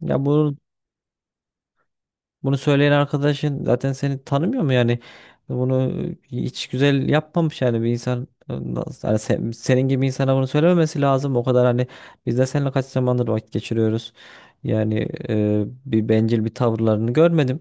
Ya bunu söyleyen arkadaşın zaten seni tanımıyor mu yani? Bunu hiç güzel yapmamış yani bir insan nasıl- yani sen- senin gibi insana bunu söylememesi lazım. O kadar hani biz de seninle kaç zamandır vakit geçiriyoruz. Yani bencil bir tavırlarını görmedim.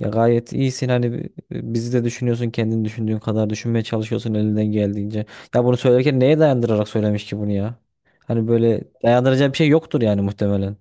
Ya gayet iyisin hani bizi de düşünüyorsun, kendini düşündüğün kadar düşünmeye çalışıyorsun elinden geldiğince. Ya bunu söylerken neye dayandırarak söylemiş ki bunu ya? Hani böyle dayandıracağı bir şey yoktur yani muhtemelen.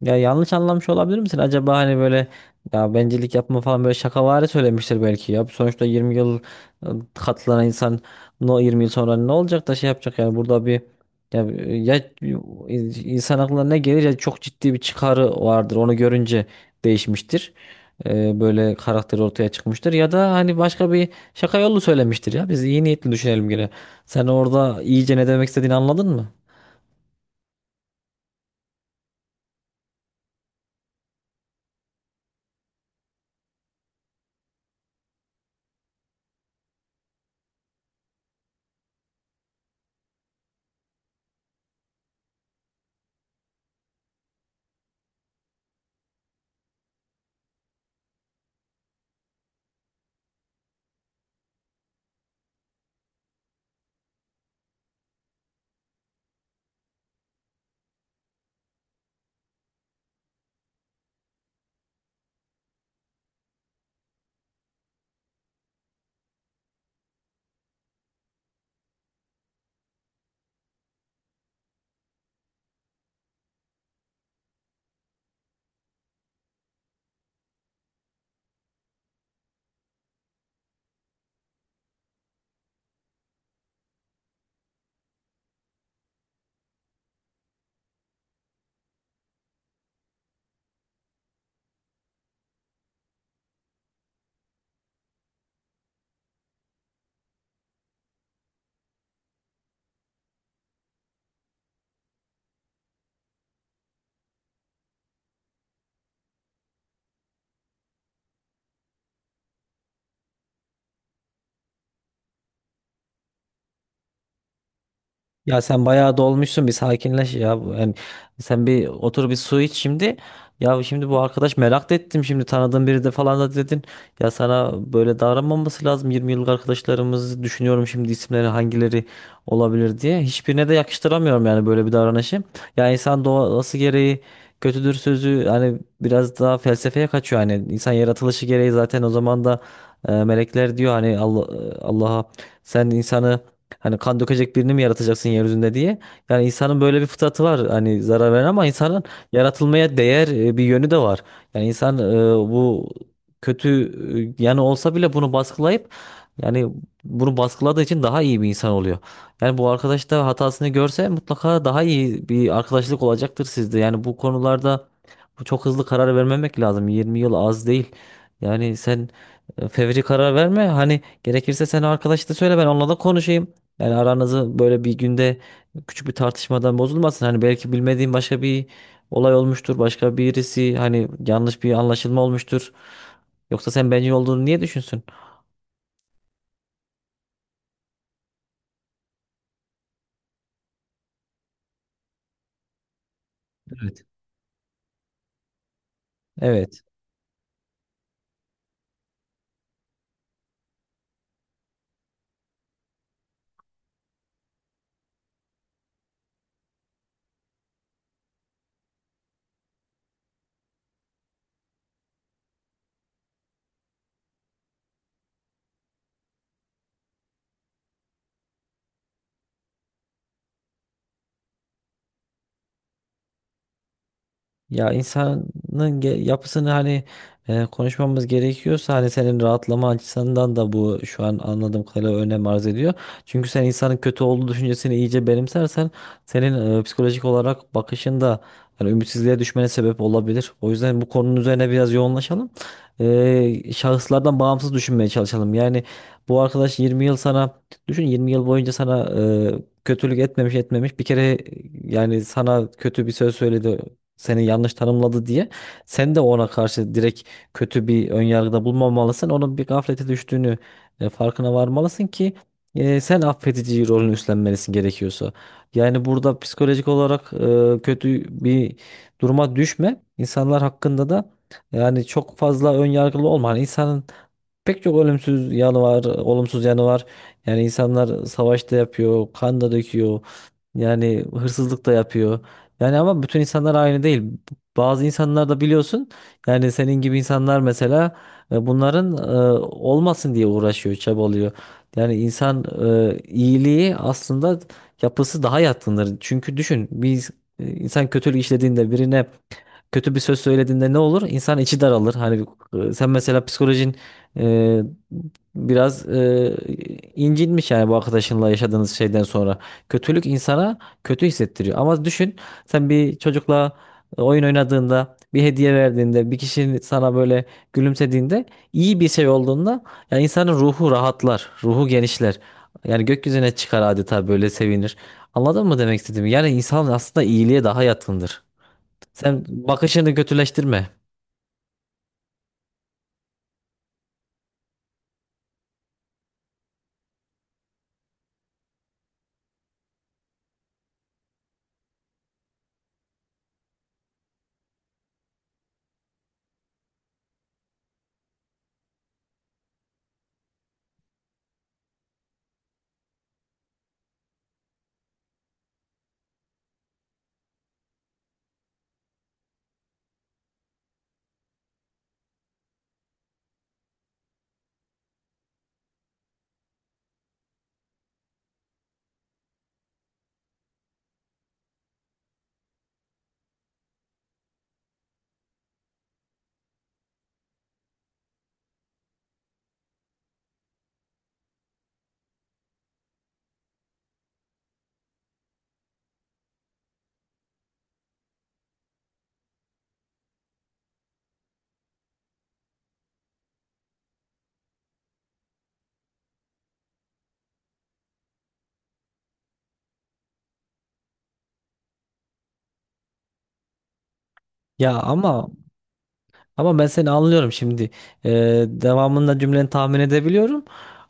Ya yanlış anlamış olabilir misin? Acaba hani böyle ya bencillik yapma falan böyle şakavari söylemiştir belki ya. Sonuçta 20 yıl katlanan insan no, 20 yıl sonra ne olacak da şey yapacak yani burada bir ya, ya ıı, insan aklına ne gelir ya, çok ciddi bir çıkarı vardır. Onu görünce değişmiştir. Böyle karakteri ortaya çıkmıştır ya da hani başka bir şaka yolu söylemiştir ya. Biz iyi niyetli düşünelim gene. Sen orada iyice ne demek istediğini anladın mı? Ya sen bayağı dolmuşsun, bir sakinleş ya. Sen bir otur, bir su iç şimdi. Ya şimdi bu arkadaş merak da ettim, şimdi tanıdığın biri de falan da dedin. Ya sana böyle davranmaması lazım. 20 yıllık arkadaşlarımızı düşünüyorum şimdi, isimleri hangileri olabilir diye. Hiçbirine de yakıştıramıyorum yani böyle bir davranışı. Ya insan doğası gereği kötüdür sözü hani biraz daha felsefeye kaçıyor, hani insan yaratılışı gereği zaten o zaman da melekler diyor hani Allah, Allah'a sen insanı hani kan dökecek birini mi yaratacaksın yeryüzünde diye. Yani insanın böyle bir fıtratı var. Hani zarar veren ama insanın yaratılmaya değer bir yönü de var. Yani insan bu kötü yanı olsa bile bunu baskılayıp yani bunu baskıladığı için daha iyi bir insan oluyor. Yani bu arkadaş da hatasını görse mutlaka daha iyi bir arkadaşlık olacaktır sizde. Yani bu konularda çok hızlı karar vermemek lazım. 20 yıl az değil. Yani sen fevri karar verme. Hani gerekirse sen arkadaşına söyle, ben onunla da konuşayım. Yani aranızı böyle bir günde küçük bir tartışmadan bozulmasın. Hani belki bilmediğin başka bir olay olmuştur. Başka birisi hani, yanlış bir anlaşılma olmuştur. Yoksa sen bencil olduğunu niye düşünsün? Evet. Evet. Ya insanın yapısını hani konuşmamız gerekiyorsa, hani senin rahatlama açısından da bu şu an anladığım kadarıyla önem arz ediyor. Çünkü sen insanın kötü olduğu düşüncesini iyice benimsersen senin psikolojik olarak bakışında hani ümitsizliğe düşmene sebep olabilir. O yüzden bu konunun üzerine biraz yoğunlaşalım. Şahıslardan bağımsız düşünmeye çalışalım. Yani bu arkadaş 20 yıl sana, düşün, 20 yıl boyunca sana kötülük etmemiş bir kere. Yani sana kötü bir söz söyledi, seni yanlış tanımladı diye sen de ona karşı direkt kötü bir önyargıda bulmamalısın. Onun bir gaflete düştüğünü farkına varmalısın ki sen affedici rolünü üstlenmelisin gerekiyorsa. Yani burada psikolojik olarak kötü bir duruma düşme. İnsanlar hakkında da yani çok fazla önyargılı olma. Hani insanın pek çok olumsuz yanı var, olumsuz yanı var. Yani insanlar savaşta yapıyor, kan da döküyor. Yani hırsızlık da yapıyor. Yani ama bütün insanlar aynı değil. Bazı insanlar da biliyorsun, yani senin gibi insanlar mesela bunların olmasın diye uğraşıyor, çabalıyor. Yani insan iyiliği aslında yapısı daha yatkındır. Çünkü düşün, bir insan kötülük işlediğinde birine, kötü bir söz söylediğinde ne olur? İnsan içi daralır. Hani sen mesela psikolojin ee, biraz incinmiş, yani bu arkadaşınla yaşadığınız şeyden sonra. Kötülük insana kötü hissettiriyor. Ama düşün, sen bir çocukla oyun oynadığında, bir hediye verdiğinde, bir kişinin sana böyle gülümsediğinde, iyi bir şey olduğunda yani insanın ruhu rahatlar, ruhu genişler. Yani gökyüzüne çıkar adeta, böyle sevinir. Anladın mı demek istediğimi? Yani insan aslında iyiliğe daha yatkındır. Sen bakışını kötüleştirme. Ya ama Ama ben seni anlıyorum şimdi. Ee, Devamında cümleni tahmin edebiliyorum.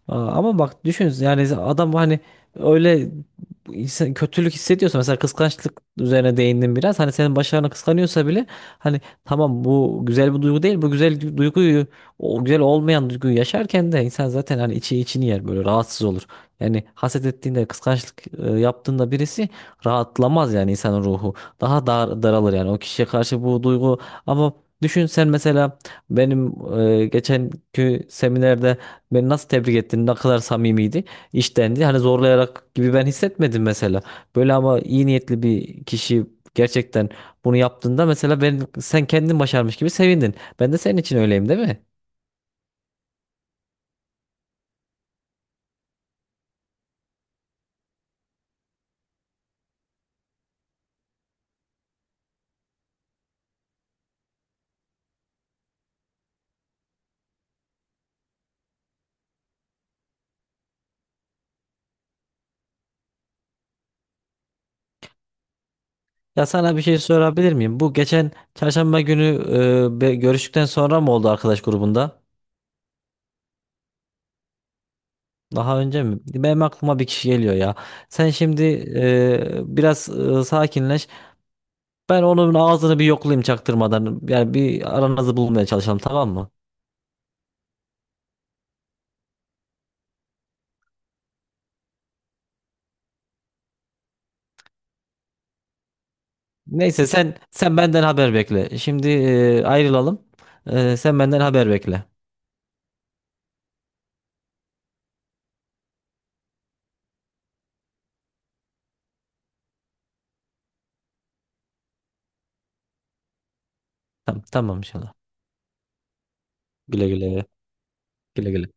Ama bak, düşün, yani adam hani öyle insan, kötülük hissediyorsa, mesela kıskançlık üzerine değindim biraz. Hani senin başarına kıskanıyorsa bile, hani tamam bu güzel bir duygu değil. Bu güzel duyguyu, o güzel olmayan duyguyu yaşarken de insan zaten hani içi içini yer, böyle rahatsız olur. Yani haset ettiğinde, kıskançlık yaptığında birisi rahatlamaz yani, insanın ruhu daha dar, daralır yani o kişiye karşı bu duygu. Ama düşün sen mesela, benim geçenki seminerde beni nasıl tebrik ettin, ne kadar samimiydi, içtendi. Hani zorlayarak gibi ben hissetmedim mesela. Böyle ama iyi niyetli bir kişi gerçekten bunu yaptığında, mesela ben, sen kendin başarmış gibi sevindin. Ben de senin için öyleyim değil mi? Ya sana bir şey sorabilir miyim? Bu geçen çarşamba günü görüştükten sonra mı oldu arkadaş grubunda? Daha önce mi? Benim aklıma bir kişi geliyor ya. Sen şimdi biraz sakinleş. Ben onun ağzını bir yoklayayım çaktırmadan. Yani bir aranızı bulmaya çalışalım, tamam mı? Neyse, sen benden haber bekle. Şimdi ayrılalım. Sen benden haber bekle. Tamam, tamam, inşallah. Güle güle. Güle güle.